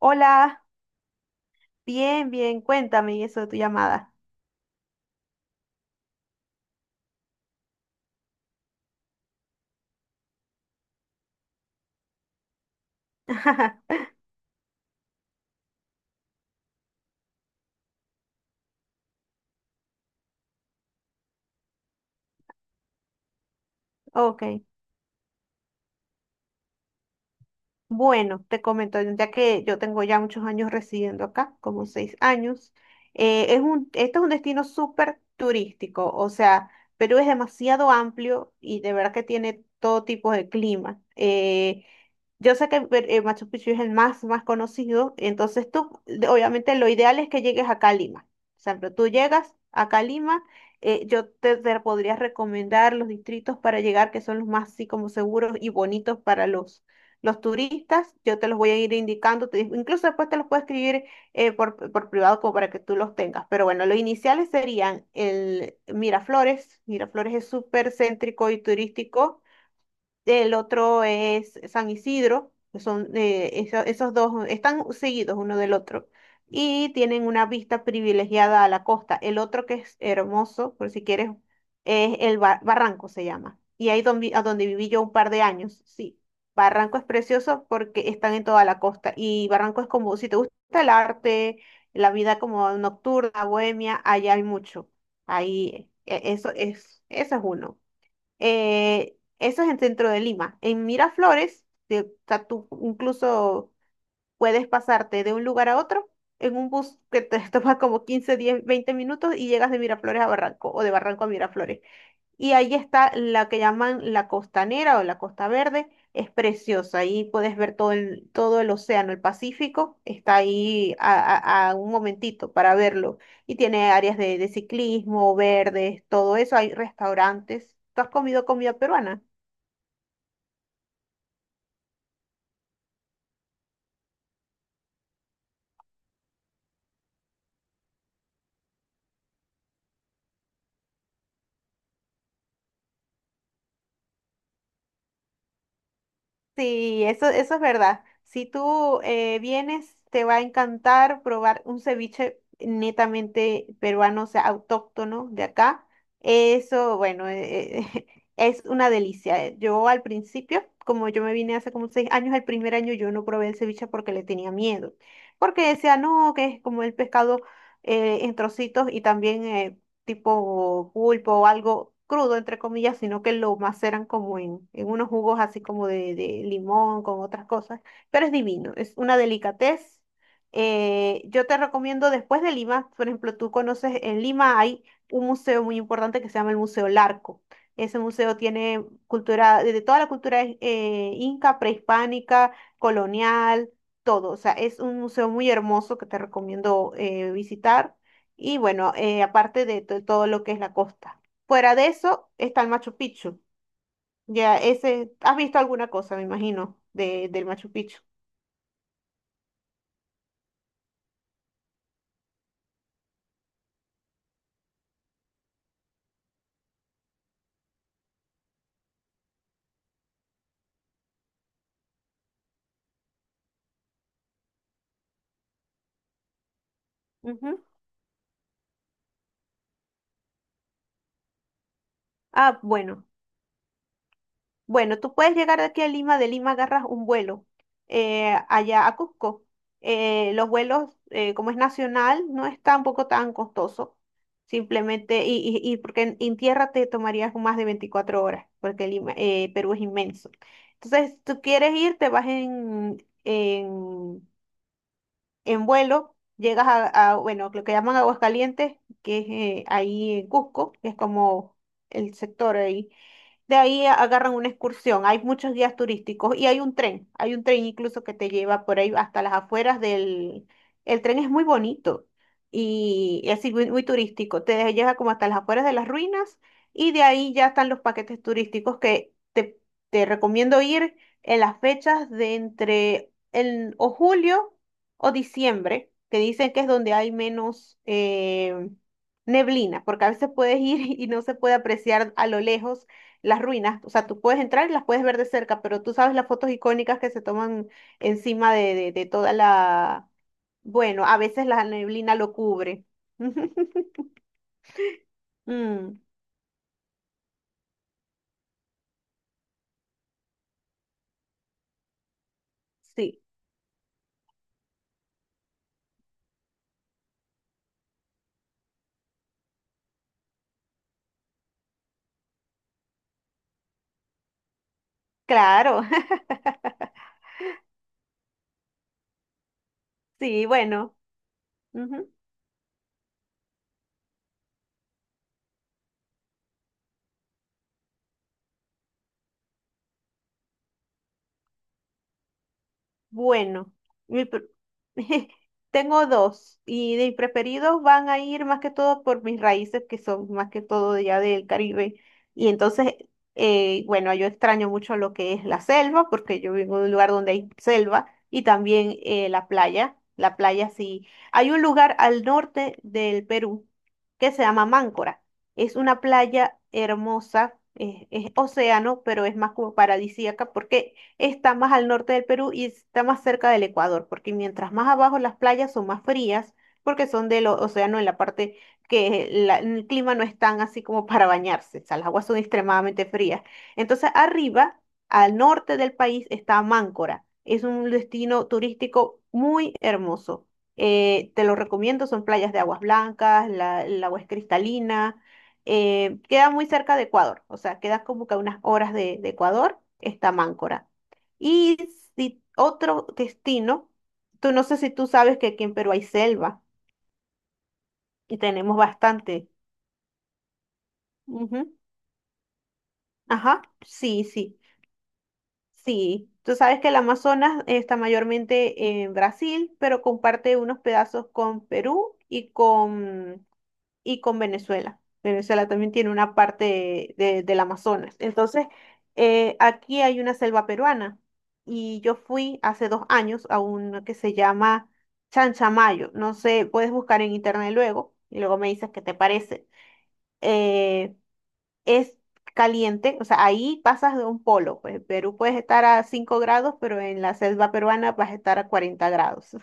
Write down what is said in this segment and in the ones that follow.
Hola, bien, cuéntame y eso de tu llamada. Ok. Bueno, te comento, ya que yo tengo ya muchos años residiendo acá, como 6 años, es este es un destino súper turístico, o sea, Perú es demasiado amplio y de verdad que tiene todo tipo de clima. Yo sé que Machu Picchu es el más conocido, entonces obviamente lo ideal es que llegues acá a Lima. O sea, pero tú llegas acá a Lima, yo te podría recomendar los distritos para llegar que son los más así como seguros y bonitos para los turistas, yo te los voy a ir indicando, incluso después te los puedo escribir por privado como para que tú los tengas. Pero bueno, los iniciales serían el Miraflores. Miraflores es súper céntrico y turístico. El otro es San Isidro, que son esos dos están seguidos uno del otro y tienen una vista privilegiada a la costa. El otro que es hermoso, por si quieres, es el Barranco se llama. Y ahí donde, a donde viví yo un par de años, sí. Barranco es precioso porque están en toda la costa y Barranco es como, si te gusta el arte, la vida como nocturna, bohemia, allá hay mucho. Eso es uno. Eso es en centro de Lima. En Miraflores, o sea, tú incluso puedes pasarte de un lugar a otro en un bus que te toma como 15, 10, 20 minutos y llegas de Miraflores a Barranco o de Barranco a Miraflores. Y ahí está la que llaman la Costanera o la Costa Verde, es preciosa, ahí puedes ver todo el océano, el Pacífico, está ahí a un momentito para verlo. Y tiene áreas de ciclismo, verdes, todo eso, hay restaurantes. ¿Tú has comido comida peruana? Sí, eso es verdad. Si tú vienes, te va a encantar probar un ceviche netamente peruano, o sea, autóctono de acá. Eso, bueno, es una delicia. Yo al principio, como yo me vine hace como 6 años, el primer año yo no probé el ceviche porque le tenía miedo. Porque decía, no, que es como el pescado en trocitos y también tipo pulpo o algo crudo, entre comillas, sino que lo maceran como en unos jugos así como de limón, con otras cosas. Pero es divino, es una delicatez. Yo te recomiendo después de Lima, por ejemplo, tú conoces en Lima hay un museo muy importante que se llama el Museo Larco. Ese museo tiene cultura, de toda la cultura inca, prehispánica, colonial, todo. O sea, es un museo muy hermoso que te recomiendo visitar. Y bueno, aparte de todo lo que es la costa. Fuera de eso está el Machu Picchu. Ya ese, has visto alguna cosa, me imagino, del Machu Picchu. Ujú. Ah, bueno. Bueno, tú puedes llegar de aquí a Lima, de Lima agarras un vuelo allá a Cusco. Los vuelos, como es nacional, no es tampoco tan costoso. Simplemente, y porque en tierra te tomarías más de 24 horas, porque Lima, Perú es inmenso. Entonces, tú quieres ir, te vas en vuelo, llegas a bueno, lo que llaman Aguascalientes, que es ahí en Cusco, que es como el sector ahí. De ahí agarran una excursión. Hay muchos guías turísticos y hay un tren. Hay un tren incluso que te lleva por ahí hasta las afueras del... El tren es muy bonito y es muy turístico. Te lleva como hasta las afueras de las ruinas y de ahí ya están los paquetes turísticos que te recomiendo ir en las fechas de entre el, o julio o diciembre, que dicen que es donde hay menos neblina, porque a veces puedes ir y no se puede apreciar a lo lejos las ruinas, o sea, tú puedes entrar y las puedes ver de cerca, pero tú sabes las fotos icónicas que se toman encima de toda la... Bueno, a veces la neblina lo cubre. Mm, sí, claro, sí, bueno. Ujú. Bueno, mi pre- tengo dos y de mis preferidos van a ir más que todo por mis raíces que son más que todo ya del Caribe. Entonces, bueno, yo extraño mucho lo que es la selva porque yo vivo en un lugar donde hay selva y también la playa. La playa sí. Hay un lugar al norte del Perú que se llama Máncora. Es una playa hermosa, es océano, pero es más como paradisíaca porque está más al norte del Perú y está más cerca del Ecuador, porque mientras más abajo las playas son más frías, porque son del océano en la parte que el clima no es tan así como para bañarse, o sea, las aguas son extremadamente frías. Entonces, arriba, al norte del país, está Máncora. Es un destino turístico muy hermoso. Te lo recomiendo, son playas de aguas blancas, el agua es cristalina. Queda muy cerca de Ecuador, o sea, queda como que a unas horas de Ecuador, está Máncora. Y si otro destino, tú no sé si tú sabes que aquí en Perú hay selva y tenemos bastante. Ujú. Ajá, sí, sí, sí. Tú sabes que el Amazonas está mayormente en Brasil, pero comparte unos pedazos con Perú y con Venezuela. Venezuela también tiene una parte del Amazonas. Entonces, aquí hay una selva peruana y yo fui hace 2 años a una que se llama Chanchamayo. No sé, puedes buscar en internet luego y luego me dices qué te parece. Eh, es caliente, o sea, ahí pasas de un polo. Pues en Perú puedes estar a 5 grados, pero en la selva peruana vas a estar a 40 grados.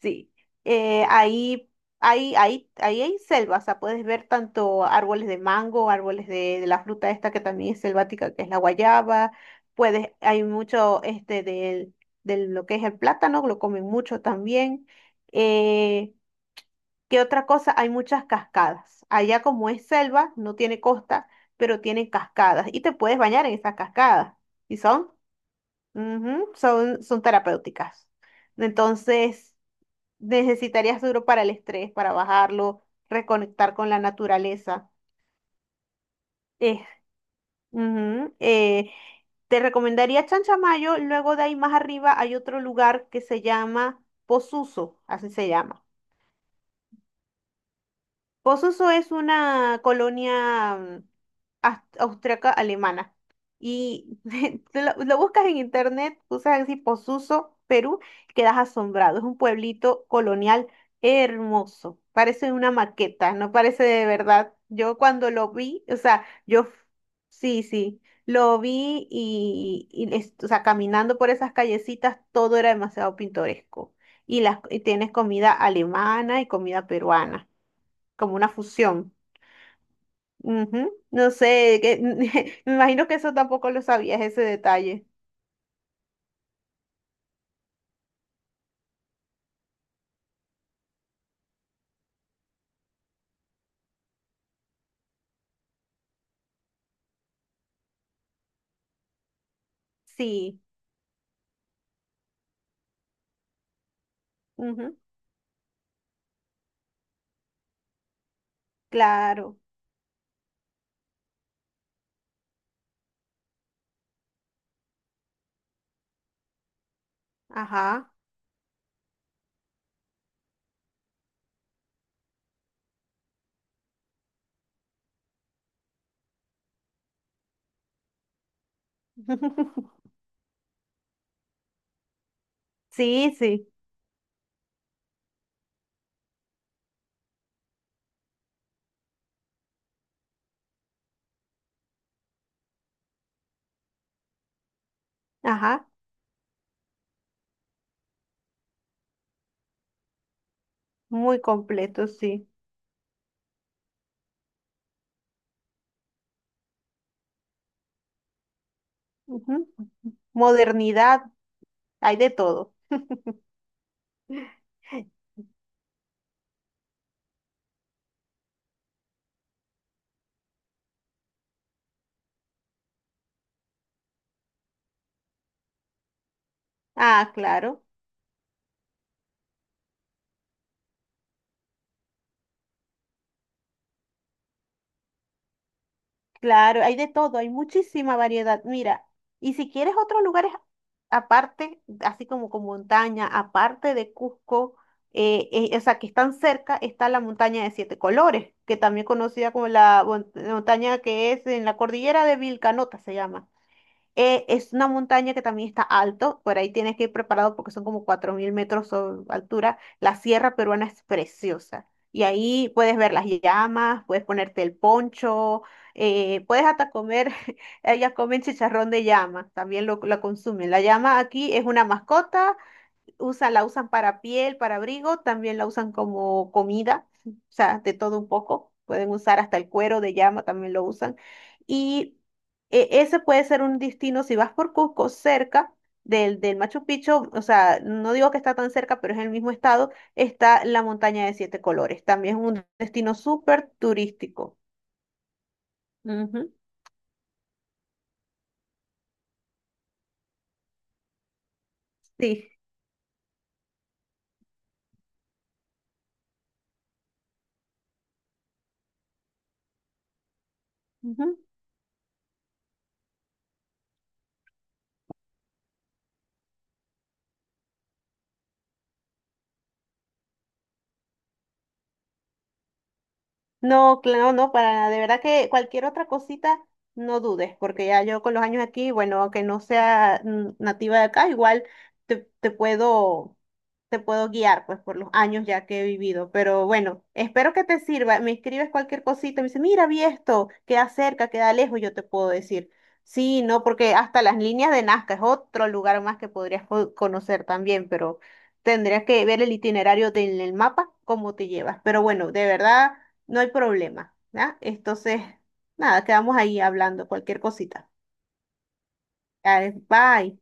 Sí, eh, ahí, ahí hay selva, o sea, puedes ver tanto árboles de mango, árboles de la fruta esta que también es selvática, que es la guayaba, puedes, hay mucho este del lo que es el plátano, lo comen mucho también. Eh, ¿Qué otra cosa? Hay muchas cascadas. Allá como es selva, no tiene costa, pero tienen cascadas y te puedes bañar en esas cascadas. ¿Y son? Ujú, son terapéuticas. Entonces necesitarías duro para el estrés, para bajarlo, reconectar con la naturaleza. Eh, ujú, eh, te recomendaría Chanchamayo, luego de ahí más arriba hay otro lugar que se llama Posuso, así se llama. Pozuzo es una colonia austriaca alemana. Y te lo buscas en internet, usas así Pozuzo, Perú, quedas asombrado. Es un pueblito colonial hermoso. Parece una maqueta, no parece de verdad. Yo cuando lo vi, sí, sí, lo vi y o sea, caminando por esas callecitas, todo era demasiado pintoresco. Y tienes comida alemana y comida peruana como una fusión. Ujú. No sé, que, me imagino que eso tampoco lo sabías, ese detalle. Sí, ujú, claro, ajá. Sí, sí, ajá. Muy completo, sí. Ujú. Modernidad, hay de todo. Ah, claro. Claro, hay de todo, hay muchísima variedad. Mira, y si quieres otros lugares aparte, así como con montaña, aparte de Cusco, o sea, que están cerca, está la montaña de siete colores, que también conocida como la montaña que es en la cordillera de Vilcanota, se llama. Es una montaña que también está alto, por ahí tienes que ir preparado porque son como 4000 metros de altura. La Sierra Peruana es preciosa y ahí puedes ver las llamas, puedes ponerte el poncho, puedes hasta comer, ellas comen chicharrón de llama, también lo consumen. La llama aquí es una mascota usa, la usan para piel, para abrigo, también la usan como comida, o sea, de todo un poco. Pueden usar hasta el cuero de llama, también lo usan. Y ese puede ser un destino, si vas por Cusco, cerca del Machu Picchu, o sea, no digo que está tan cerca, pero es en el mismo estado, está la montaña de siete colores. También es un destino súper turístico. Ujú, sí. Ujú. No, claro, no, para, nada. De verdad que cualquier otra cosita, no dudes, porque ya yo con los años aquí, bueno, aunque no sea nativa de acá, igual te, te puedo, te puedo guiar pues por los años ya que he vivido. Pero bueno, espero que te sirva. Me escribes cualquier cosita, me dice, mira, vi esto, queda cerca, queda lejos, yo te puedo decir. Sí, no, porque hasta las líneas de Nazca es otro lugar más que podrías conocer también, pero tendrías que ver el itinerario de el mapa, cómo te llevas. Pero bueno, de verdad, no hay problema, ¿ya? Entonces, nada, quedamos ahí hablando cualquier cosita. Dale, bye.